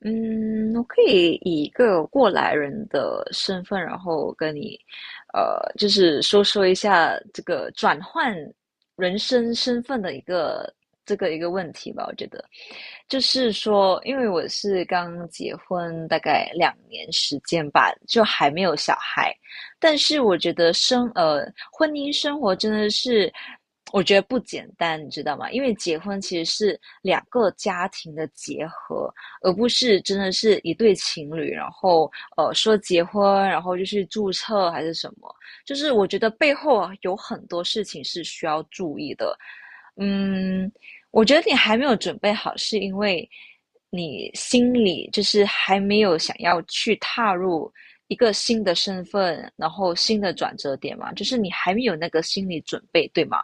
嗯，我可以以一个过来人的身份，然后跟你，就是说说一下这个转换人生身份的这个问题吧。我觉得，就是说，因为我是刚结婚大概两年时间吧，就还没有小孩，但是我觉得婚姻生活真的是。我觉得不简单，你知道吗？因为结婚其实是两个家庭的结合，而不是真的是一对情侣，然后说结婚，然后就去注册还是什么，就是我觉得背后啊有很多事情是需要注意的。嗯，我觉得你还没有准备好，是因为你心里就是还没有想要去踏入一个新的身份，然后新的转折点嘛，就是你还没有那个心理准备，对吗？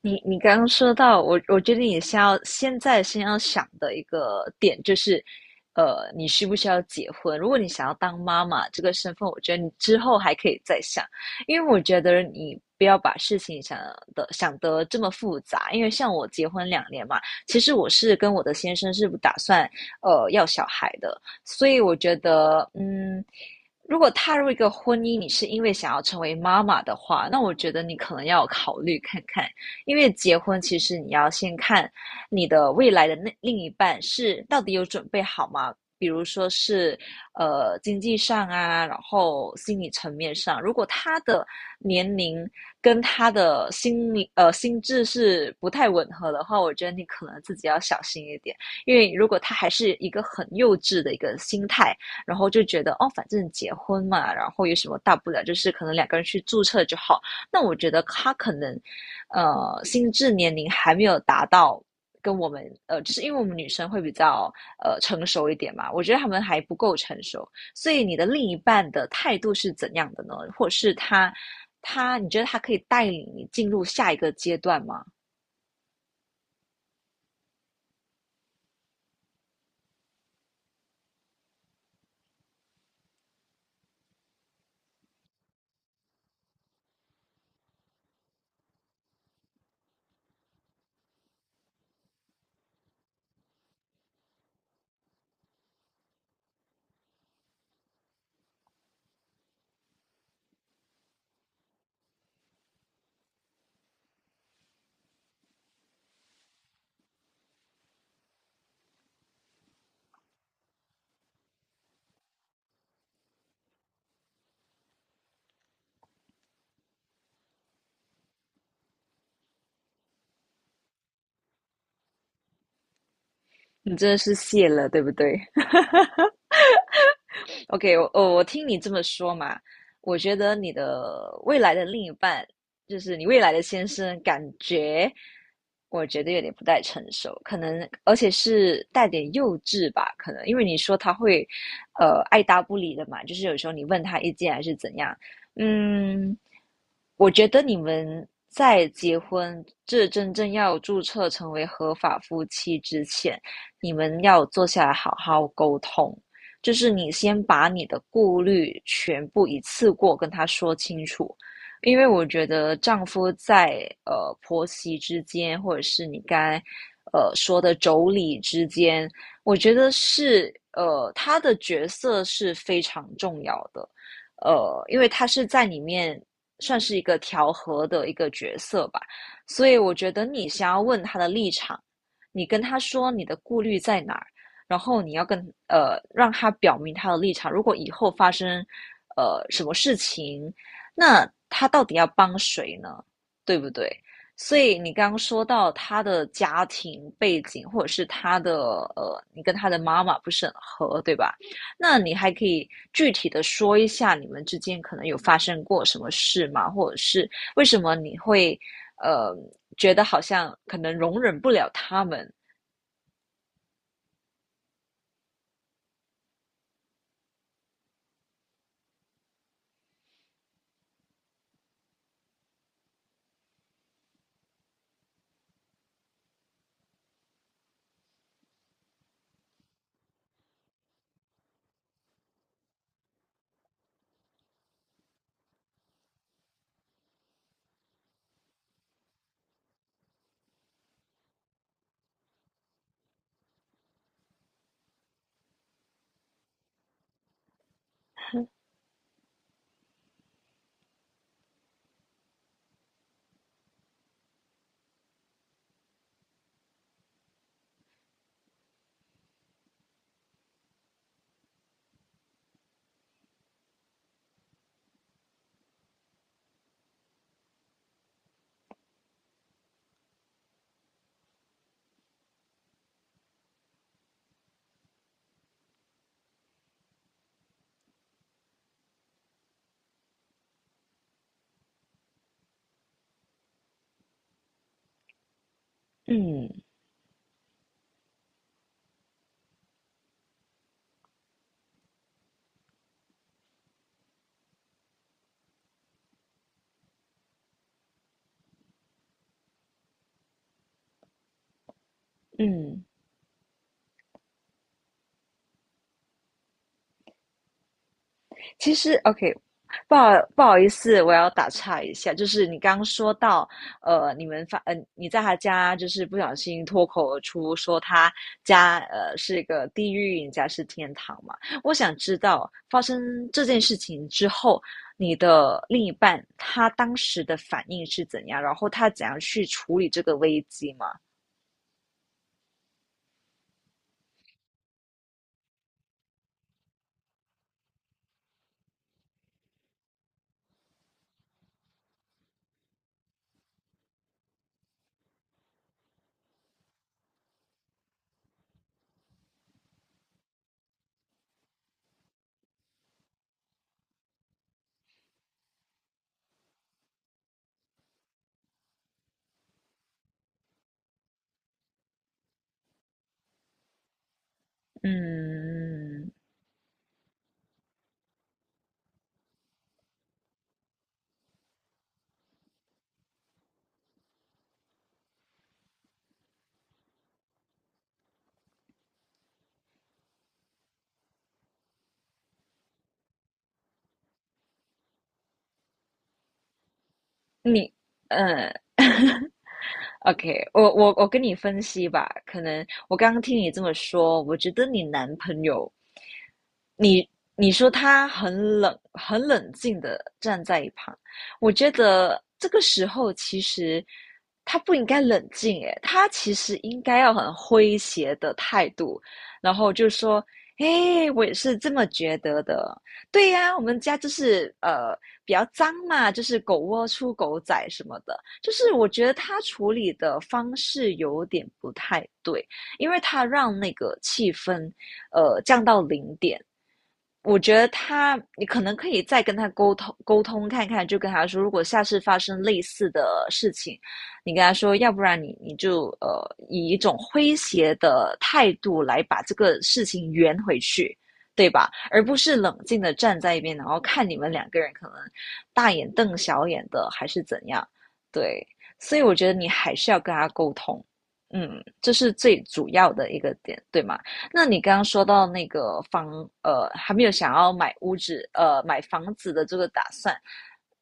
你刚刚说到我，我觉得你现在先要想的一个点就是，你需不需要结婚？如果你想要当妈妈这个身份，我觉得你之后还可以再想，因为我觉得你不要把事情想得这么复杂。因为像我结婚两年嘛，其实我是跟我的先生是不打算要小孩的，所以我觉得嗯。如果踏入一个婚姻，你是因为想要成为妈妈的话，那我觉得你可能要考虑看看，因为结婚其实你要先看你的未来的那另一半是到底有准备好吗？比如说是经济上啊，然后心理层面上，如果他的年龄跟他的心智是不太吻合的话，我觉得你可能自己要小心一点，因为如果他还是一个很幼稚的一个心态，然后就觉得哦反正结婚嘛，然后有什么大不了，就是可能两个人去注册就好，那我觉得他可能，呃，心智年龄还没有达到跟我们，就是因为我们女生会比较成熟一点嘛，我觉得他们还不够成熟，所以你的另一半的态度是怎样的呢？或者是他，你觉得他可以带领你进入下一个阶段吗？你真的是谢了，对不对？OK，我听你这么说嘛，我觉得你的未来的另一半，就是你未来的先生，感觉我觉得有点不太成熟，可能而且是带点幼稚吧，可能因为你说他会，爱答不理的嘛，就是有时候你问他意见还是怎样，嗯，我觉得你们在结婚，这真正要注册成为合法夫妻之前，你们要坐下来好好沟通。就是你先把你的顾虑全部一次过跟他说清楚，因为我觉得丈夫在婆媳之间，或者是你刚才说的妯娌之间，我觉得是他的角色是非常重要的，呃，因为他是在里面算是一个调和的一个角色吧，所以我觉得你想要问他的立场，你跟他说你的顾虑在哪儿。然后你要跟让他表明他的立场。如果以后发生什么事情，那他到底要帮谁呢？对不对？所以你刚刚说到他的家庭背景，或者是他的你跟他的妈妈不是很合，对吧？那你还可以具体的说一下你们之间可能有发生过什么事吗？或者是为什么你会呃觉得好像可能容忍不了他们？嗯。嗯。其实，OK，不好意思，我要打岔一下，就是你刚刚说到，你们发，你在他家就是不小心脱口而出说他家是一个地狱，你家是天堂嘛？我想知道发生这件事情之后，你的另一半他当时的反应是怎样，然后他怎样去处理这个危机嘛？嗯。你，嗯。 ，OK，我跟你分析吧，可能我刚刚听你这么说，我觉得你男朋友，你你说他很冷，很冷静的站在一旁，我觉得这个时候其实他不应该冷静，诶，他其实应该要很诙谐的态度，然后就说，诶，我也是这么觉得的，对呀，我们家就是比较脏嘛，就是狗窝出狗仔什么的，就是我觉得他处理的方式有点不太对，因为他让那个气氛降到零点，我觉得他，你可能可以再跟他沟通沟通看看，就跟他说，如果下次发生类似的事情，你跟他说，要不然你就以一种诙谐的态度来把这个事情圆回去，对吧？而不是冷静的站在一边，然后看你们两个人可能大眼瞪小眼的，还是怎样？对，所以我觉得你还是要跟他沟通，嗯，这是最主要的一个点，对吗？那你刚刚说到那个房，还没有想要买屋子，买房子的这个打算，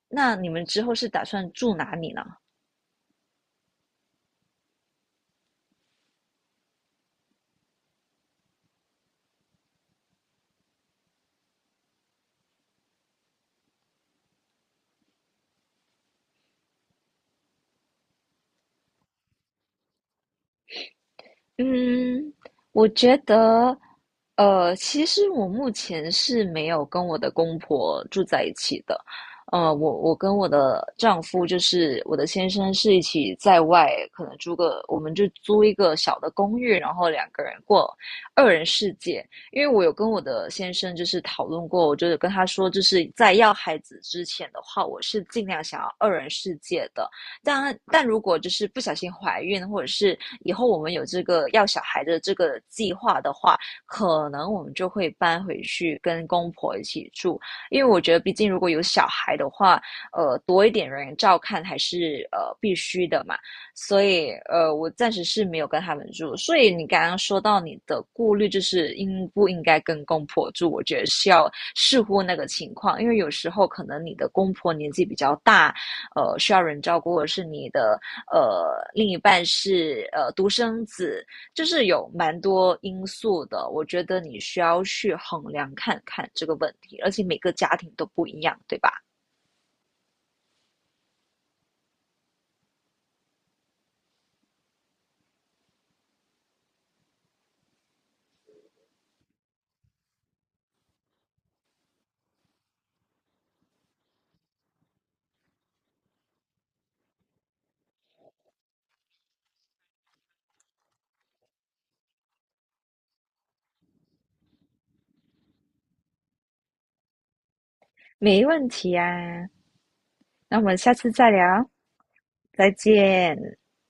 那你们之后是打算住哪里呢？嗯，我觉得，其实我目前是没有跟我的公婆住在一起的，我跟我的丈夫，就是我的先生，是一起在外，可能租个，我们就租一个小的公寓，然后两个人过二人世界。因为我有跟我的先生就是讨论过，我就是跟他说，就是在要孩子之前的话，我是尽量想要二人世界的。但如果就是不小心怀孕，或者是以后我们有这个要小孩的这个计划的话，可能我们就会搬回去跟公婆一起住，因为我觉得毕竟如果有小孩的话，呃，多一点人照看还是必须的嘛。所以呃，我暂时是没有跟他们住。所以你刚刚说到你的顾虑，就是应不应该跟公婆住？我觉得是要视乎那个情况，因为有时候可能你的公婆年纪比较大，需要人照顾，或者是你的另一半是独生子，就是有蛮多因素的。我觉得你需要去衡量看看这个问题，而且每个家庭都不一样，对吧？没问题啊，那我们下次再聊，再见。